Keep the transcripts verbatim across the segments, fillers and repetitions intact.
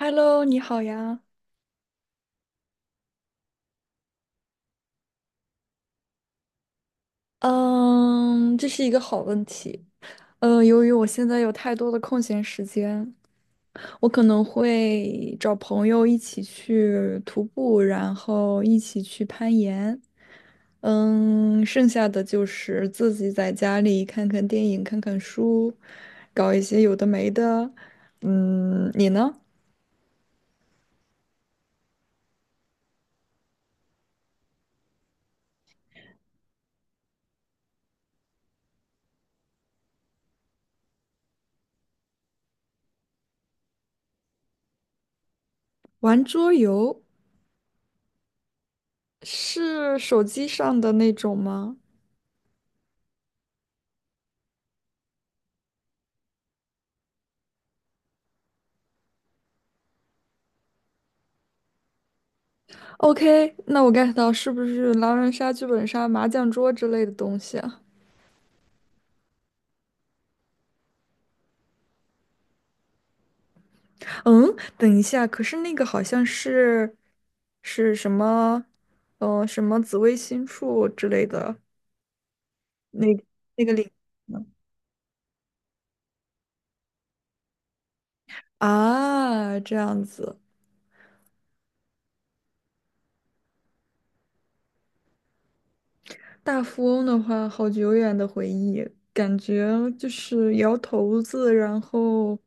Hello，你好呀。嗯，这是一个好问题。呃，由于我现在有太多的空闲时间，我可能会找朋友一起去徒步，然后一起去攀岩。嗯，剩下的就是自己在家里看看电影、看看书，搞一些有的没的。嗯，你呢？玩桌游是手机上的那种吗？OK,那我 get 到是不是狼人杀、剧本杀、麻将桌之类的东西啊？嗯，等一下，可是那个好像是是什么，嗯、什么紫微星术之类的，那那个领啊，这样子。大富翁的话，好久远的回忆，感觉就是摇骰子，然后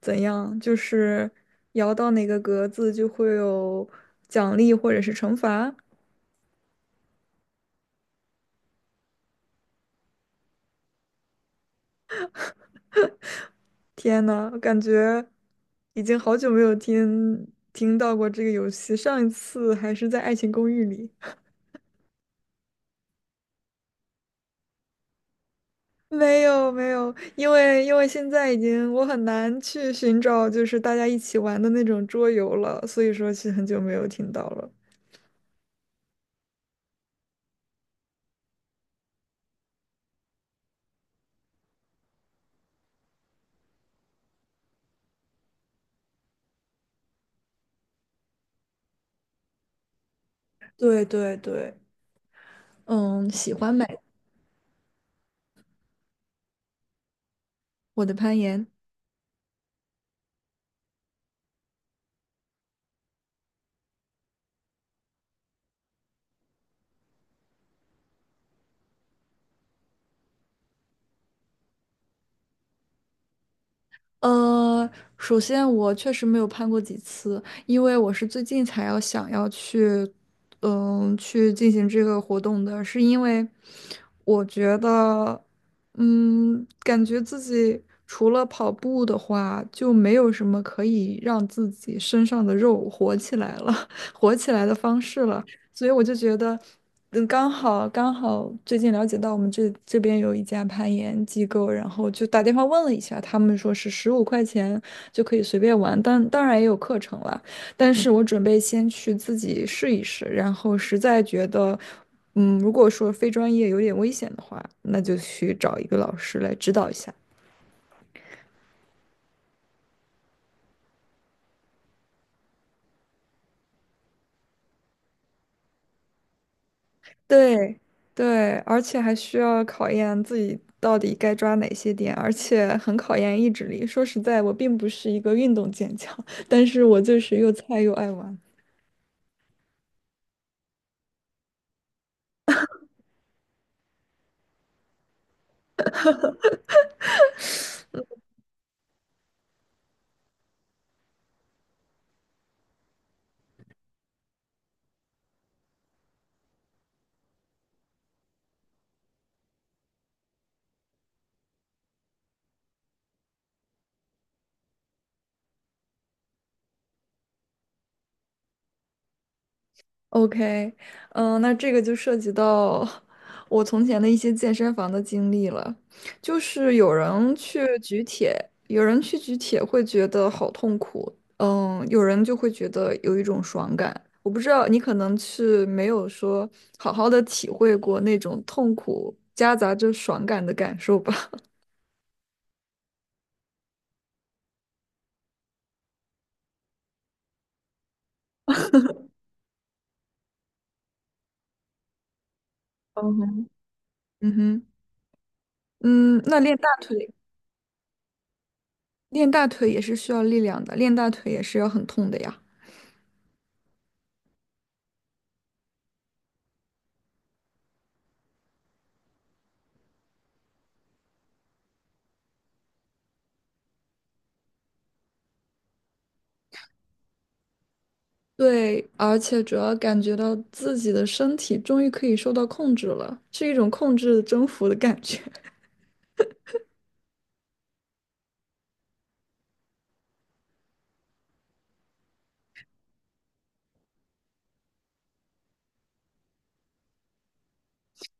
怎样，就是摇到哪个格子就会有奖励或者是惩罚。天呐，我感觉已经好久没有听听到过这个游戏，上一次还是在《爱情公寓》里。没有没有，因为因为现在已经我很难去寻找就是大家一起玩的那种桌游了，所以说是很久没有听到了。对对对，嗯，喜欢买我的攀岩。呃，首先我确实没有攀过几次，因为我是最近才要想要去，嗯，去进行这个活动的，是因为我觉得，嗯，感觉自己除了跑步的话，就没有什么可以让自己身上的肉活起来了，活起来的方式了。所以我就觉得，嗯，刚好刚好最近了解到我们这这边有一家攀岩机构，然后就打电话问了一下，他们说是十五块钱就可以随便玩，但当然也有课程了。但是我准备先去自己试一试，然后实在觉得，嗯，如果说非专业有点危险的话，那就去找一个老师来指导一下。对对，而且还需要考验自己到底该抓哪些点，而且很考验意志力。说实在，我并不是一个运动健将，但是我就是又菜又爱玩。OK,嗯，那这个就涉及到 我从前的一些健身房的经历了。就是有人去举铁，有人去举铁会觉得好痛苦，嗯，有人就会觉得有一种爽感。我不知道你可能是没有说好好的体会过那种痛苦夹杂着爽感的感受吧。嗯哼。嗯哼，嗯，那练大腿，练大腿也是需要力量的，练大腿也是要很痛的呀。对，而且主要感觉到自己的身体终于可以受到控制了，是一种控制征服的感觉。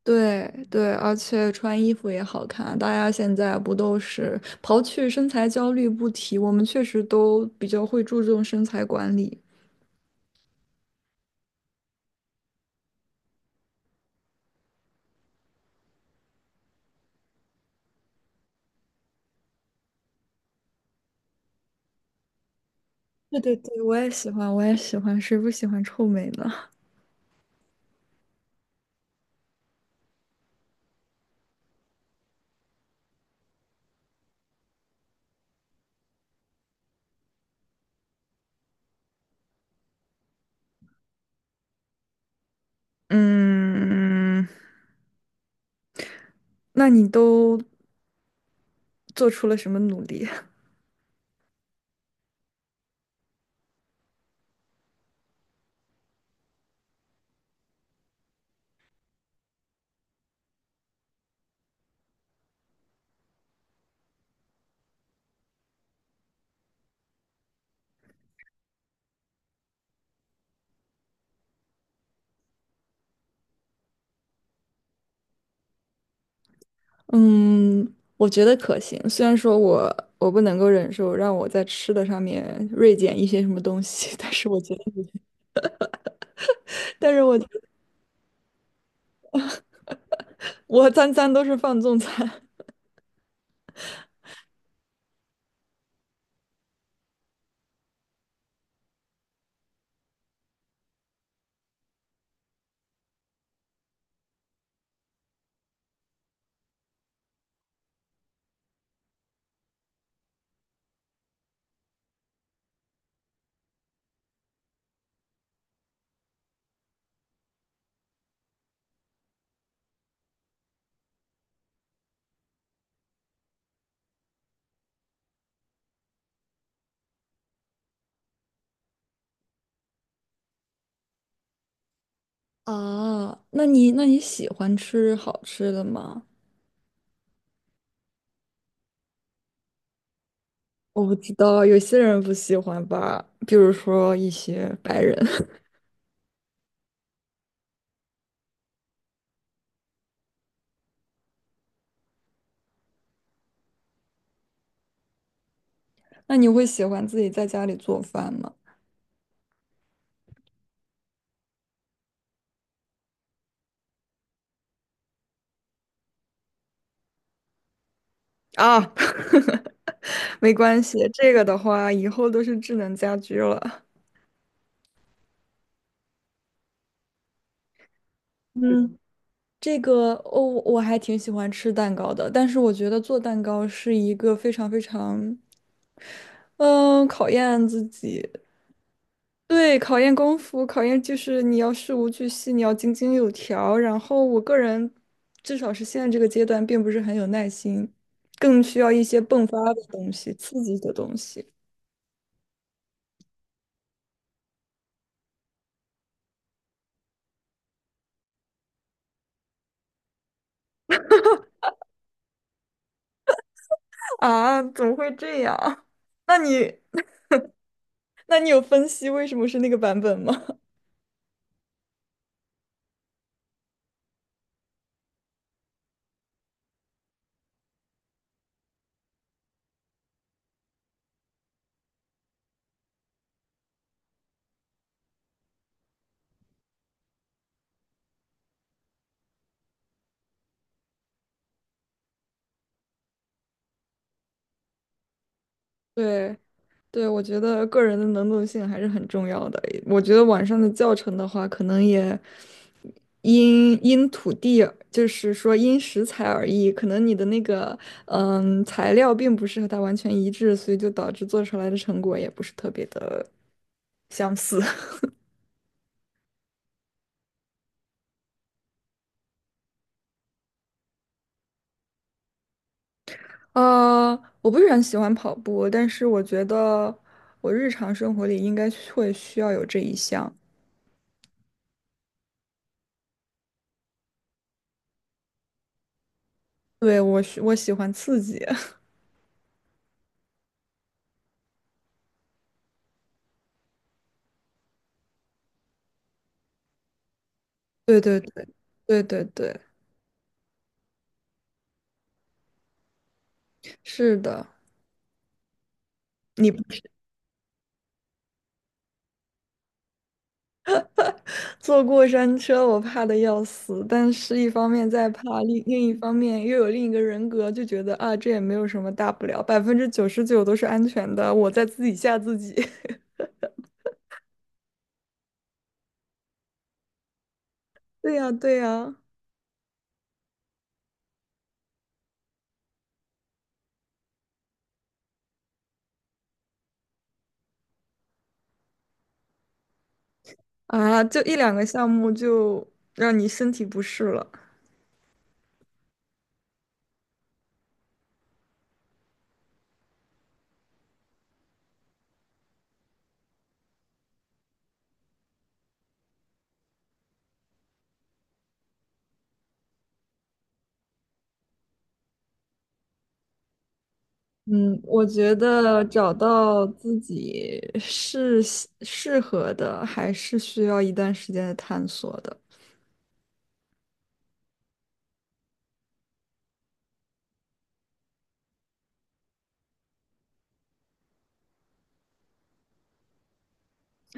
对对，而且穿衣服也好看。大家现在不都是刨去身材焦虑不提，我们确实都比较会注重身材管理。对对对，我也喜欢，我也喜欢，谁不喜欢臭美呢？嗯，那你都做出了什么努力？嗯，我觉得可行。虽然说我我不能够忍受让我在吃的上面锐减一些什么东西，但是我觉得，但是我觉得我餐餐都是放纵餐啊 那你那你喜欢吃好吃的吗？我不知道，有些人不喜欢吧，比如说一些白人。那你会喜欢自己在家里做饭吗？啊，没关系，这个的话以后都是智能家居了。嗯。这个哦，我还挺喜欢吃蛋糕的，但是我觉得做蛋糕是一个非常非常，嗯，考验自己，对，考验功夫，考验就是你要事无巨细，你要井井有条。然后我个人，至少是现在这个阶段，并不是很有耐心，更需要一些迸发的东西，刺激的东西。啊，怎么会这样？那你，那你有分析为什么是那个版本吗？对，对，我觉得个人的能动性还是很重要的。我觉得网上的教程的话，可能也因因土地，就是说因食材而异，可能你的那个嗯材料并不是和它完全一致，所以就导致做出来的成果也不是特别的相似。呃，我不是很喜欢跑步，但是我觉得我日常生活里应该会需要有这一项。对，我喜我喜欢刺激。对对对对对对。是的，你不是坐过山车，我怕的要死，但是一方面在怕，另另一方面又有另一个人格，就觉得啊，这也没有什么大不了，百分之九十九都是安全的，我在自己吓自己。对呀，对呀，啊，就一两个项目就让你身体不适了。嗯，我觉得找到自己是适适合的，还是需要一段时间的探索的。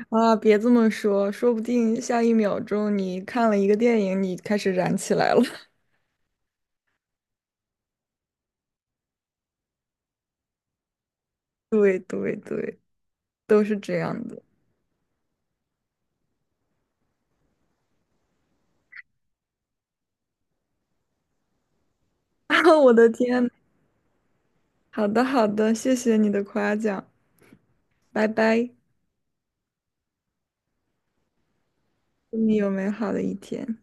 啊，别这么说，说不定下一秒钟你看了一个电影，你开始燃起来了。对对对，都是这样的。啊，我的天，好的好的，谢谢你的夸奖，拜拜，祝你有美好的一天。